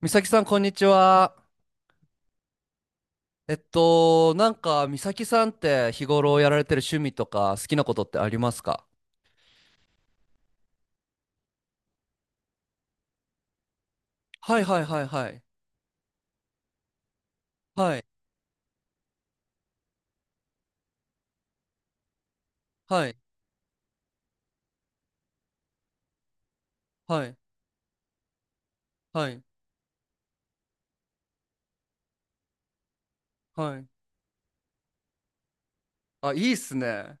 美咲さん、こんにちは。美咲さんって日頃やられてる趣味とか好きなことってありますか？はいはいはいはい。はい、はい、はい、はい、はい。あ、いいっすね。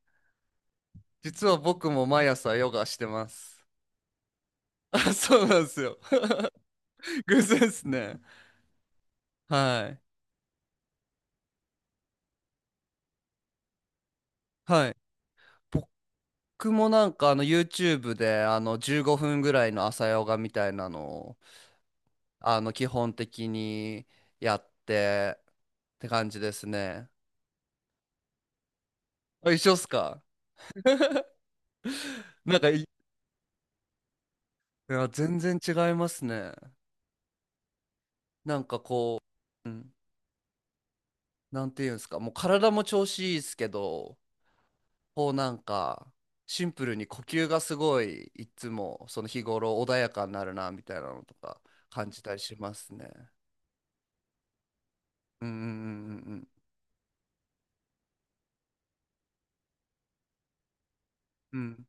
実は僕も毎朝ヨガしてます。あ、そうなんですよ。偶然ですね。はい。はい。僕もYouTube で15分ぐらいの朝ヨガみたいなの基本的にやってって感じですね。あ、一緒っすか？いや、全然違いますね。なんかこう、うん、なんていうんですか、もう体も調子いいっすけど、こうなんか、シンプルに呼吸がすごい、いつもその日頃穏やかになるな、みたいなのとか感じたりしますね。うんうんうんうんうん。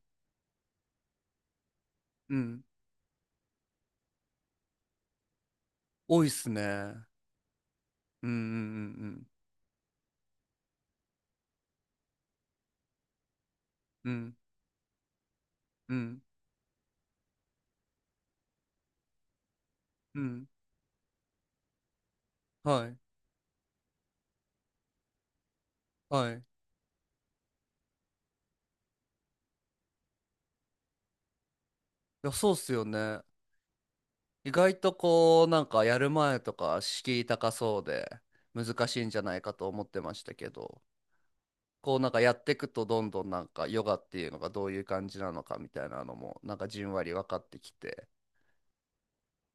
うんうん。多いっすね。うんうんうんうん。うんうんうん。はい。はい。いや、そうっすよね。意外とこう、なんかやる前とか敷居高そうで難しいんじゃないかと思ってましたけど、こうなんかやっていくとどんどんなんかヨガっていうのがどういう感じなのかみたいなのもなんかじんわり分かってきて、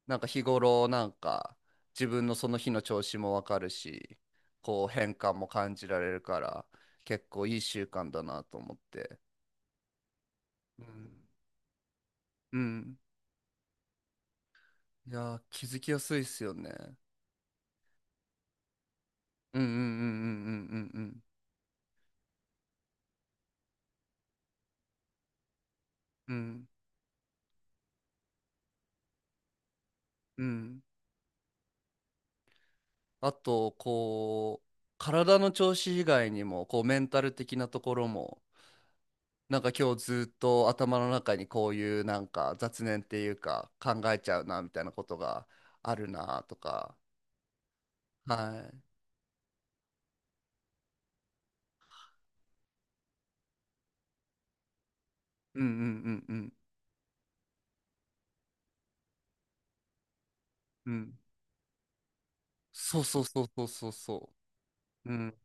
なんか日頃なんか自分のその日の調子も分かるし、こう変化も感じられるから結構いい習慣だなと思って。うん。うん。いやー、気づきやすいっすよね。うんうんうんうんうんうんうん。うんうん。あと、こう、体の調子以外にも、こう、メンタル的なところも、なんか今日ずっと頭の中にこういうなんか雑念っていうか考えちゃうなみたいなことがあるなとか、はい。うんうんうんうんうん。そうそうそうそうそうそう。うん。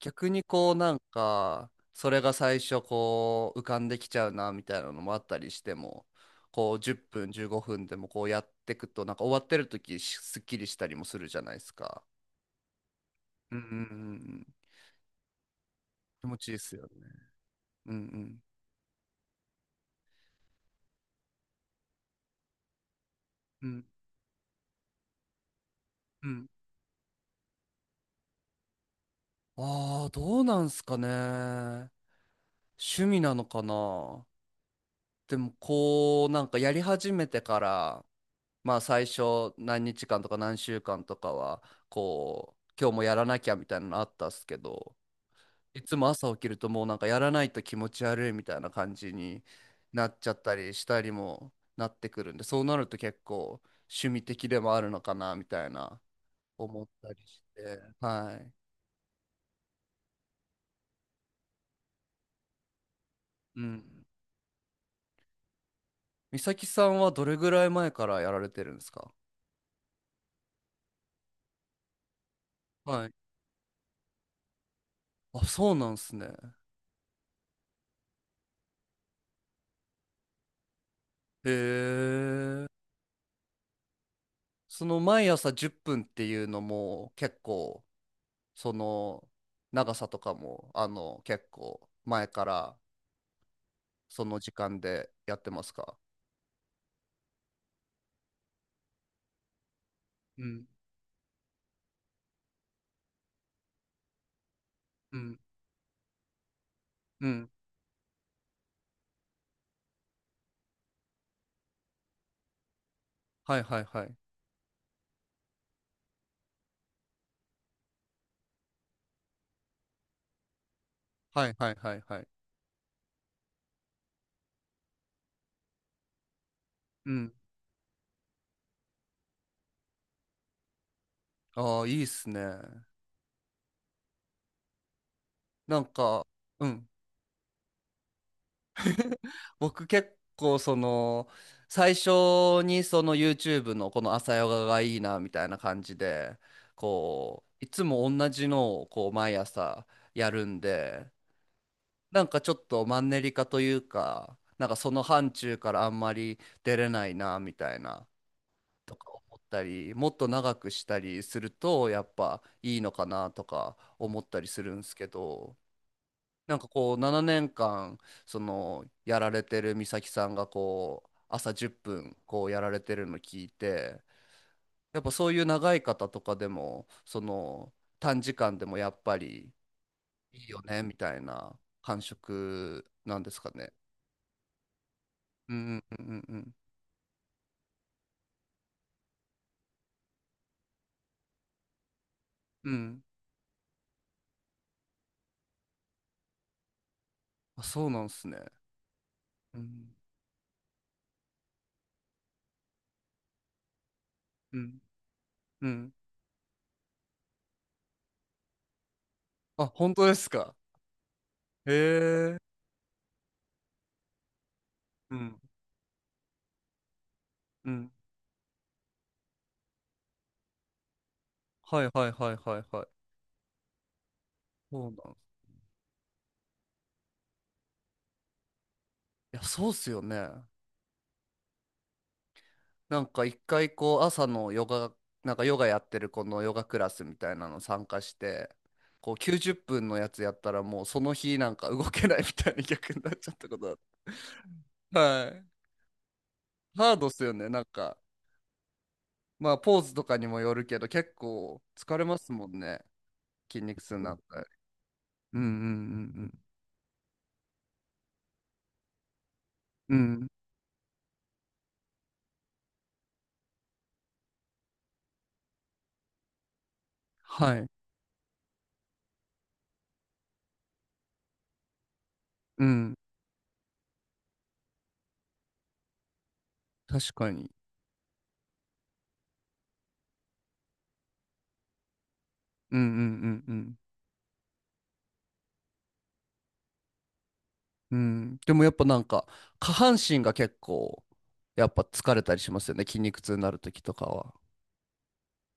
逆にこうなんかそれが最初こう浮かんできちゃうなみたいなのもあったりしてもこう10分15分でもこうやっていくとなんか終わってる時しすっきりしたりもするじゃないですか。うんうんうんうん。気持ちいいですよね。うんうんうんうん。ああーどうなんすかね。趣味なのかな。でもこうなんかやり始めてから、まあ最初何日間とか何週間とかはこう今日もやらなきゃみたいなのあったっすけど、いつも朝起きるともうなんかやらないと気持ち悪いみたいな感じになっちゃったりしたりもなってくるんで、そうなると結構趣味的でもあるのかなみたいな思ったりして。はい。うん。美咲さんはどれぐらい前からやられてるんですか？はい。あ、そうなんすね。へえ。その毎朝10分っぷんっていうのも結構、その長さとかも結構前からその時間でやってますか？うんうんうん。はいはいはいはいはいはい。はい。うん。ああ、いいっすね。なんか、うん。僕結構その、最初にその YouTube のこの朝ヨガがいいなみたいな感じで、こう、いつも同じのをこう毎朝やるんで、なんかちょっとマンネリ化というか、なんかその範疇からあんまり出れないなみたいなとか思ったり、もっと長くしたりするとやっぱいいのかなとか思ったりするんですけど、なんかこう7年間そのやられてる美咲さんがこう朝10分こうやられてるの聞いて、やっぱそういう長い方とかでもその短時間でもやっぱりいいよねみたいな感触なんですかね？うんうんうんうんうん。あ、そうなんすね。うん。うん。うん。あ、本当ですか？へえ。うん。うん。はいはいはいはいはい。そうなんす。いや、そうっすよね。なんか一回こう朝のヨガ、なんかヨガやってる子のヨガクラスみたいなの参加して、こう90分のやつやったらもうその日なんか動けないみたいな逆になっちゃったことあって。はい。ハードっすよね。なんか、まあ、ポーズとかにもよるけど、結構疲れますもんね。筋肉痛になったり。うんうんうんうん。うん。はい。うん。確かに。うんうんうんうん。うん。でもやっぱなんか、下半身が結構、やっぱ疲れたりしますよね。筋肉痛になるときとかは。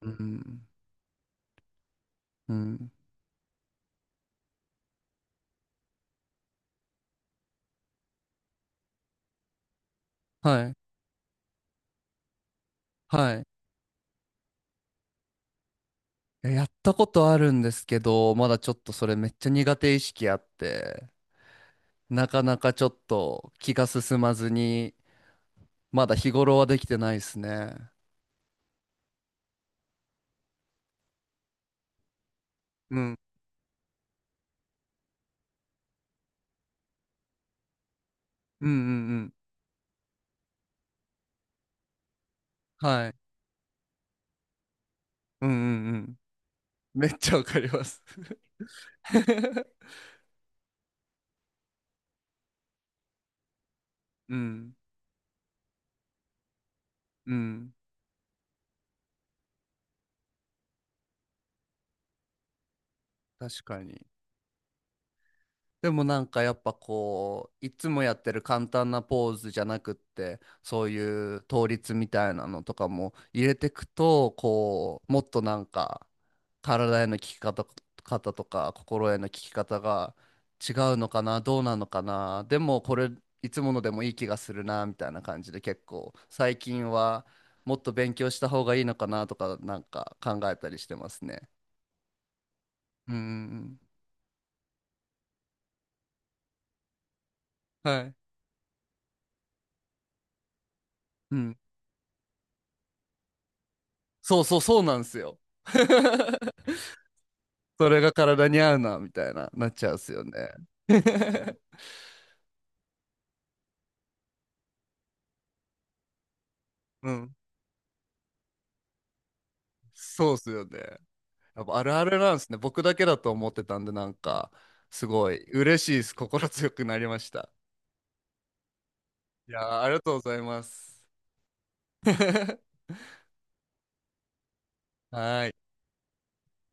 うん。うん。はい。はい。いややったことあるんですけど、まだちょっとそれめっちゃ苦手意識あって、なかなかちょっと気が進まずに、まだ日頃はできてないですね。うん。うんうんうん。はい。うんうんうん。めっちゃわかります。うん、うん、確かに。でもなんかやっぱこういつもやってる簡単なポーズじゃなくってそういう倒立みたいなのとかも入れてくと、こうもっとなんか体への効き方、方とか心への効き方が違うのかな、どうなのかな、でもこれいつものでもいい気がするなみたいな感じで、結構最近はもっと勉強した方がいいのかなとかなんか考えたりしてますね。うんうんうん。はい。うん。そうそうそうなんですよ。それが体に合うな、みたいな、なっちゃうんですよね。うん。そうっすよね。やっぱあるあるなんですね。僕だけだと思ってたんで、なんか、すごい嬉しいです。心強くなりました。いやー、ありがとうございます。はーい。